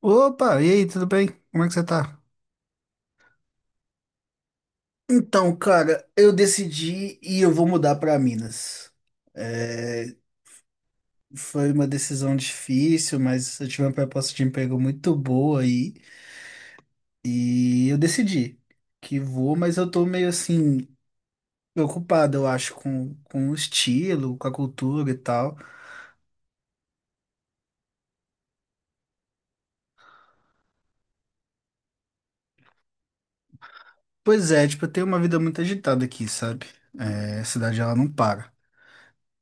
Opa, e aí, tudo bem? Como é que você tá? Então, cara, eu decidi e eu vou mudar para Minas. É, foi uma decisão difícil, mas eu tive uma proposta de emprego muito boa aí e eu decidi que vou, mas eu tô meio assim preocupado, eu acho, com o estilo, com a cultura e tal. Pois é, tipo, eu tenho uma vida muito agitada aqui, sabe? É, a cidade ela não para.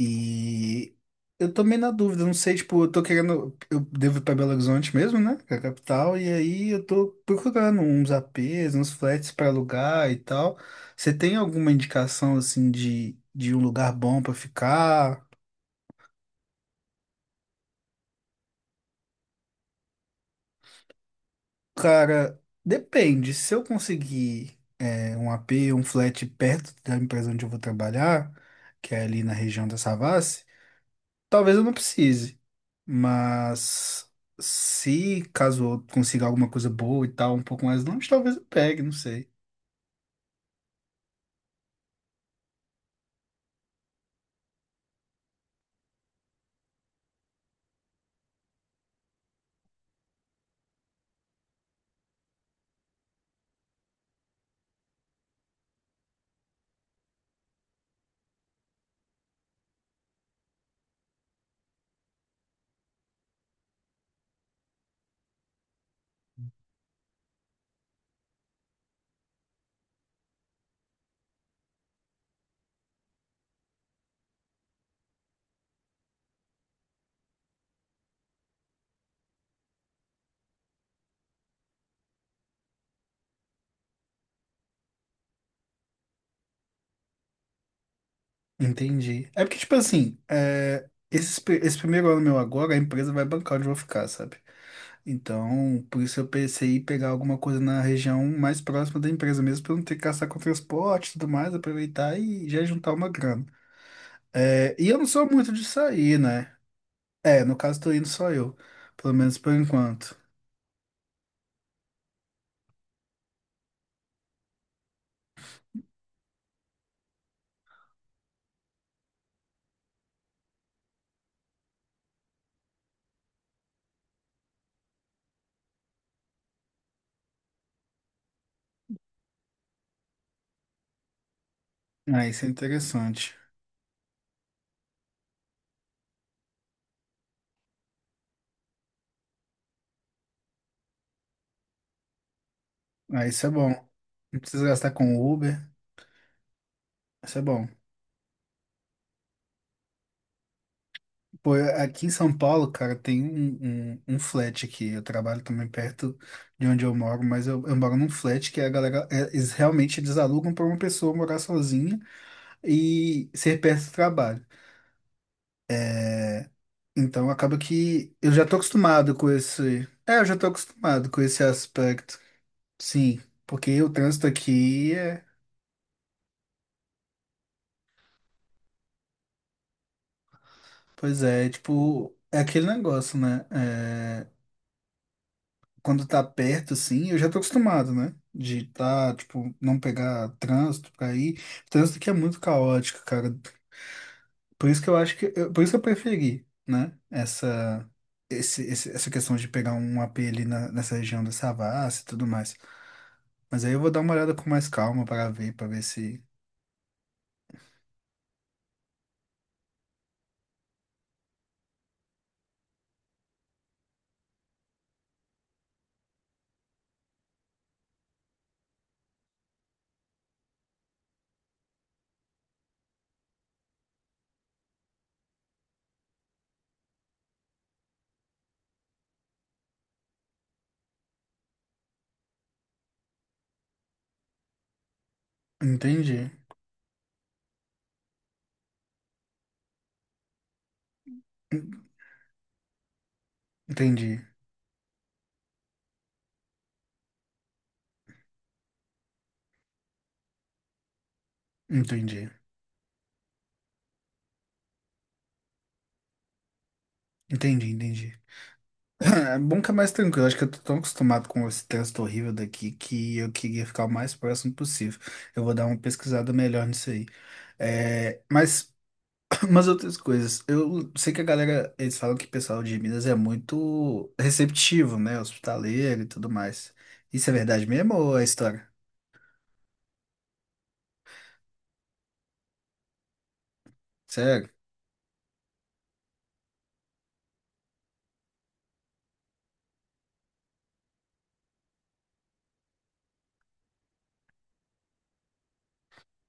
E eu também na dúvida, não sei, tipo, eu tô querendo, eu devo ir pra Belo Horizonte mesmo, né, que é a capital, e aí eu tô procurando uns APs, uns flats pra alugar e tal. Você tem alguma indicação, assim, de um lugar bom pra ficar? Cara, depende, se eu conseguir é, um AP, um flat perto da empresa onde eu vou trabalhar, que é ali na região da Savassi, talvez eu não precise, mas se caso eu consiga alguma coisa boa e tal, um pouco mais longe, talvez eu pegue, não sei. Entendi. É porque, tipo assim, é, esse primeiro ano meu agora, a empresa vai bancar onde eu vou ficar, sabe? Então, por isso eu pensei em pegar alguma coisa na região mais próxima da empresa mesmo, pra eu não ter que gastar com transporte e tudo mais, aproveitar e já juntar uma grana. É, e eu não sou muito de sair, né? É, no caso, tô indo só eu, pelo menos por enquanto. Ah, isso é interessante. Ah, isso é bom. Não precisa gastar com Uber. Isso é bom. Pô, aqui em São Paulo, cara, tem um flat aqui. Eu trabalho também perto de onde eu moro, mas eu moro num flat que a galera, é, eles, realmente eles alugam para uma pessoa morar sozinha e ser perto do trabalho. É, então acaba que eu já tô acostumado com esse. É, eu já tô acostumado com esse aspecto. Sim, porque o trânsito aqui é. Pois é, tipo, é aquele negócio, né? É, quando tá perto, assim, eu já tô acostumado, né? De tá, tipo, não pegar trânsito pra ir. Trânsito que é muito caótico, cara. Por isso que eu preferi, né? Essa questão de pegar um AP nessa região da Savassi e tudo mais. Mas aí eu vou dar uma olhada com mais calma para ver se. Entendi. En- Entendi. Entendi. Entendi. É bom que é mais tranquilo. Acho que eu tô tão acostumado com esse texto horrível daqui que eu queria ficar o mais próximo possível. Eu vou dar uma pesquisada melhor nisso aí. É, mas umas outras coisas. Eu sei que a galera, eles falam que o pessoal de Minas é muito receptivo, né? Hospitaleiro e tudo mais. Isso é verdade mesmo ou é história? Sério?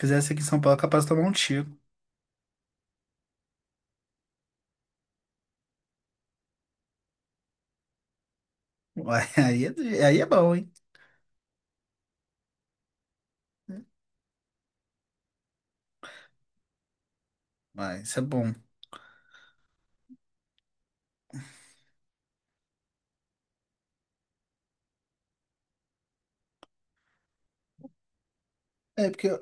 Fizesse aqui em São Paulo, é capaz de tomar um tiro. Uai, aí é bom, hein? Mas isso é bom. É, porque eu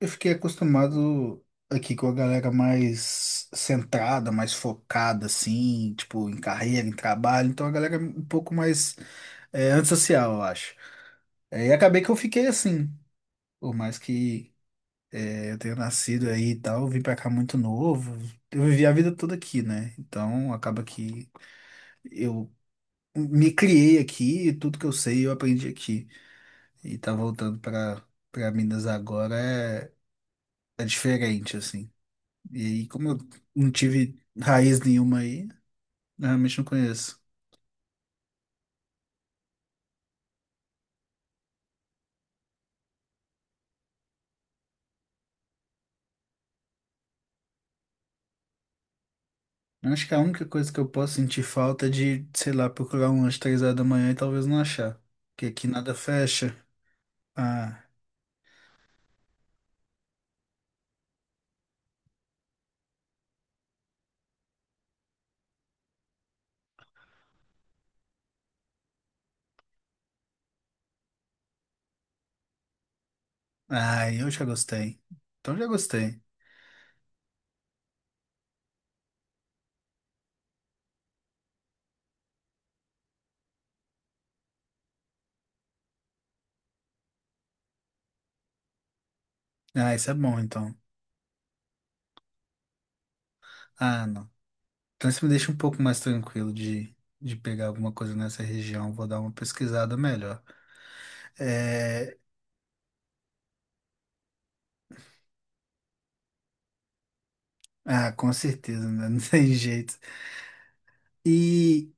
eu fiquei acostumado aqui com a galera mais centrada, mais focada, assim, tipo, em carreira, em trabalho. Então a galera é um pouco mais é, antissocial, eu acho. É, e acabei que eu fiquei assim, por mais que é, eu tenha nascido aí e tal, eu vim pra cá muito novo. Eu vivi a vida toda aqui, né? Então acaba que eu me criei aqui, e tudo que eu sei eu aprendi aqui. E tá voltando pra Minas agora é, é diferente, assim. E aí, como eu não tive raiz nenhuma aí, eu realmente não conheço. Eu acho que a única coisa que eu posso sentir falta é de, sei lá, procurar um lanche 3 horas da manhã e talvez não achar. Porque aqui nada fecha. Ah, ai, eu já gostei. Então já gostei. Ah, isso é bom então. Ah, não. Então isso me deixa um pouco mais tranquilo de pegar alguma coisa nessa região. Vou dar uma pesquisada melhor. É... Ah, com certeza, né? Não tem jeito. E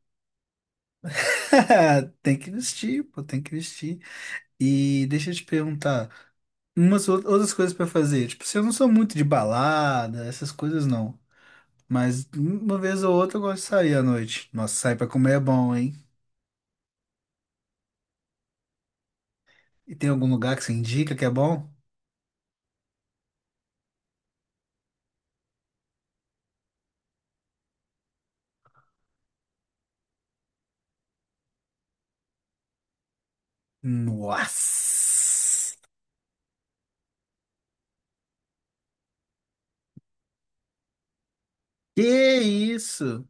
tem que vestir, pô, tem que vestir. E deixa eu te perguntar, umas outras coisas pra fazer. Tipo, se eu não sou muito de balada, essas coisas não. Mas uma vez ou outra eu gosto de sair à noite. Nossa, sair pra comer é bom, hein? E tem algum lugar que você indica que é bom? Nossa! Que isso?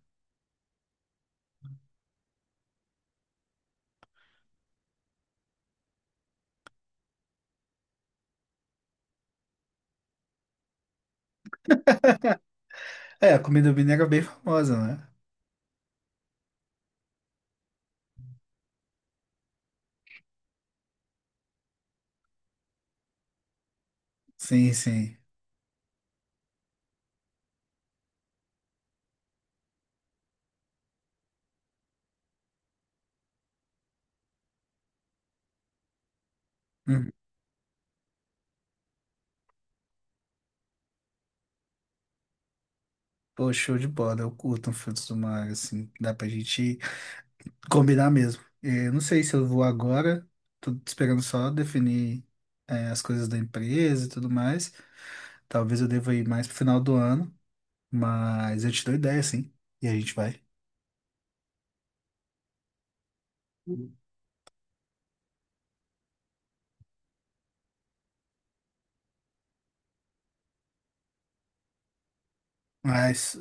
É, a comida mineira é bem famosa, né? Sim, sim. Hum. Pô, show de bola. Eu curto um frutos do mar, assim. Dá pra gente ir. Combinar mesmo. É, não sei se eu vou agora, tô esperando só definir, é, as coisas da empresa e tudo mais. Talvez eu deva ir mais pro final do ano, mas eu te dou ideia, sim. E a gente vai. Mas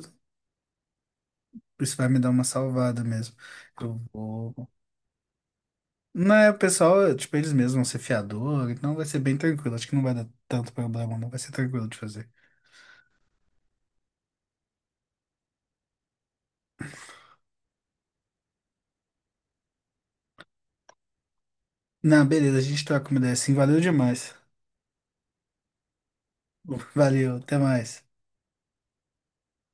isso vai me dar uma salvada mesmo. Eu vou. Não é, o pessoal, tipo, eles mesmos vão ser fiador, então vai ser bem tranquilo. Acho que não vai dar tanto problema, não vai ser tranquilo de fazer. Não, beleza, a gente troca uma ideia assim. Valeu demais. Valeu, até mais.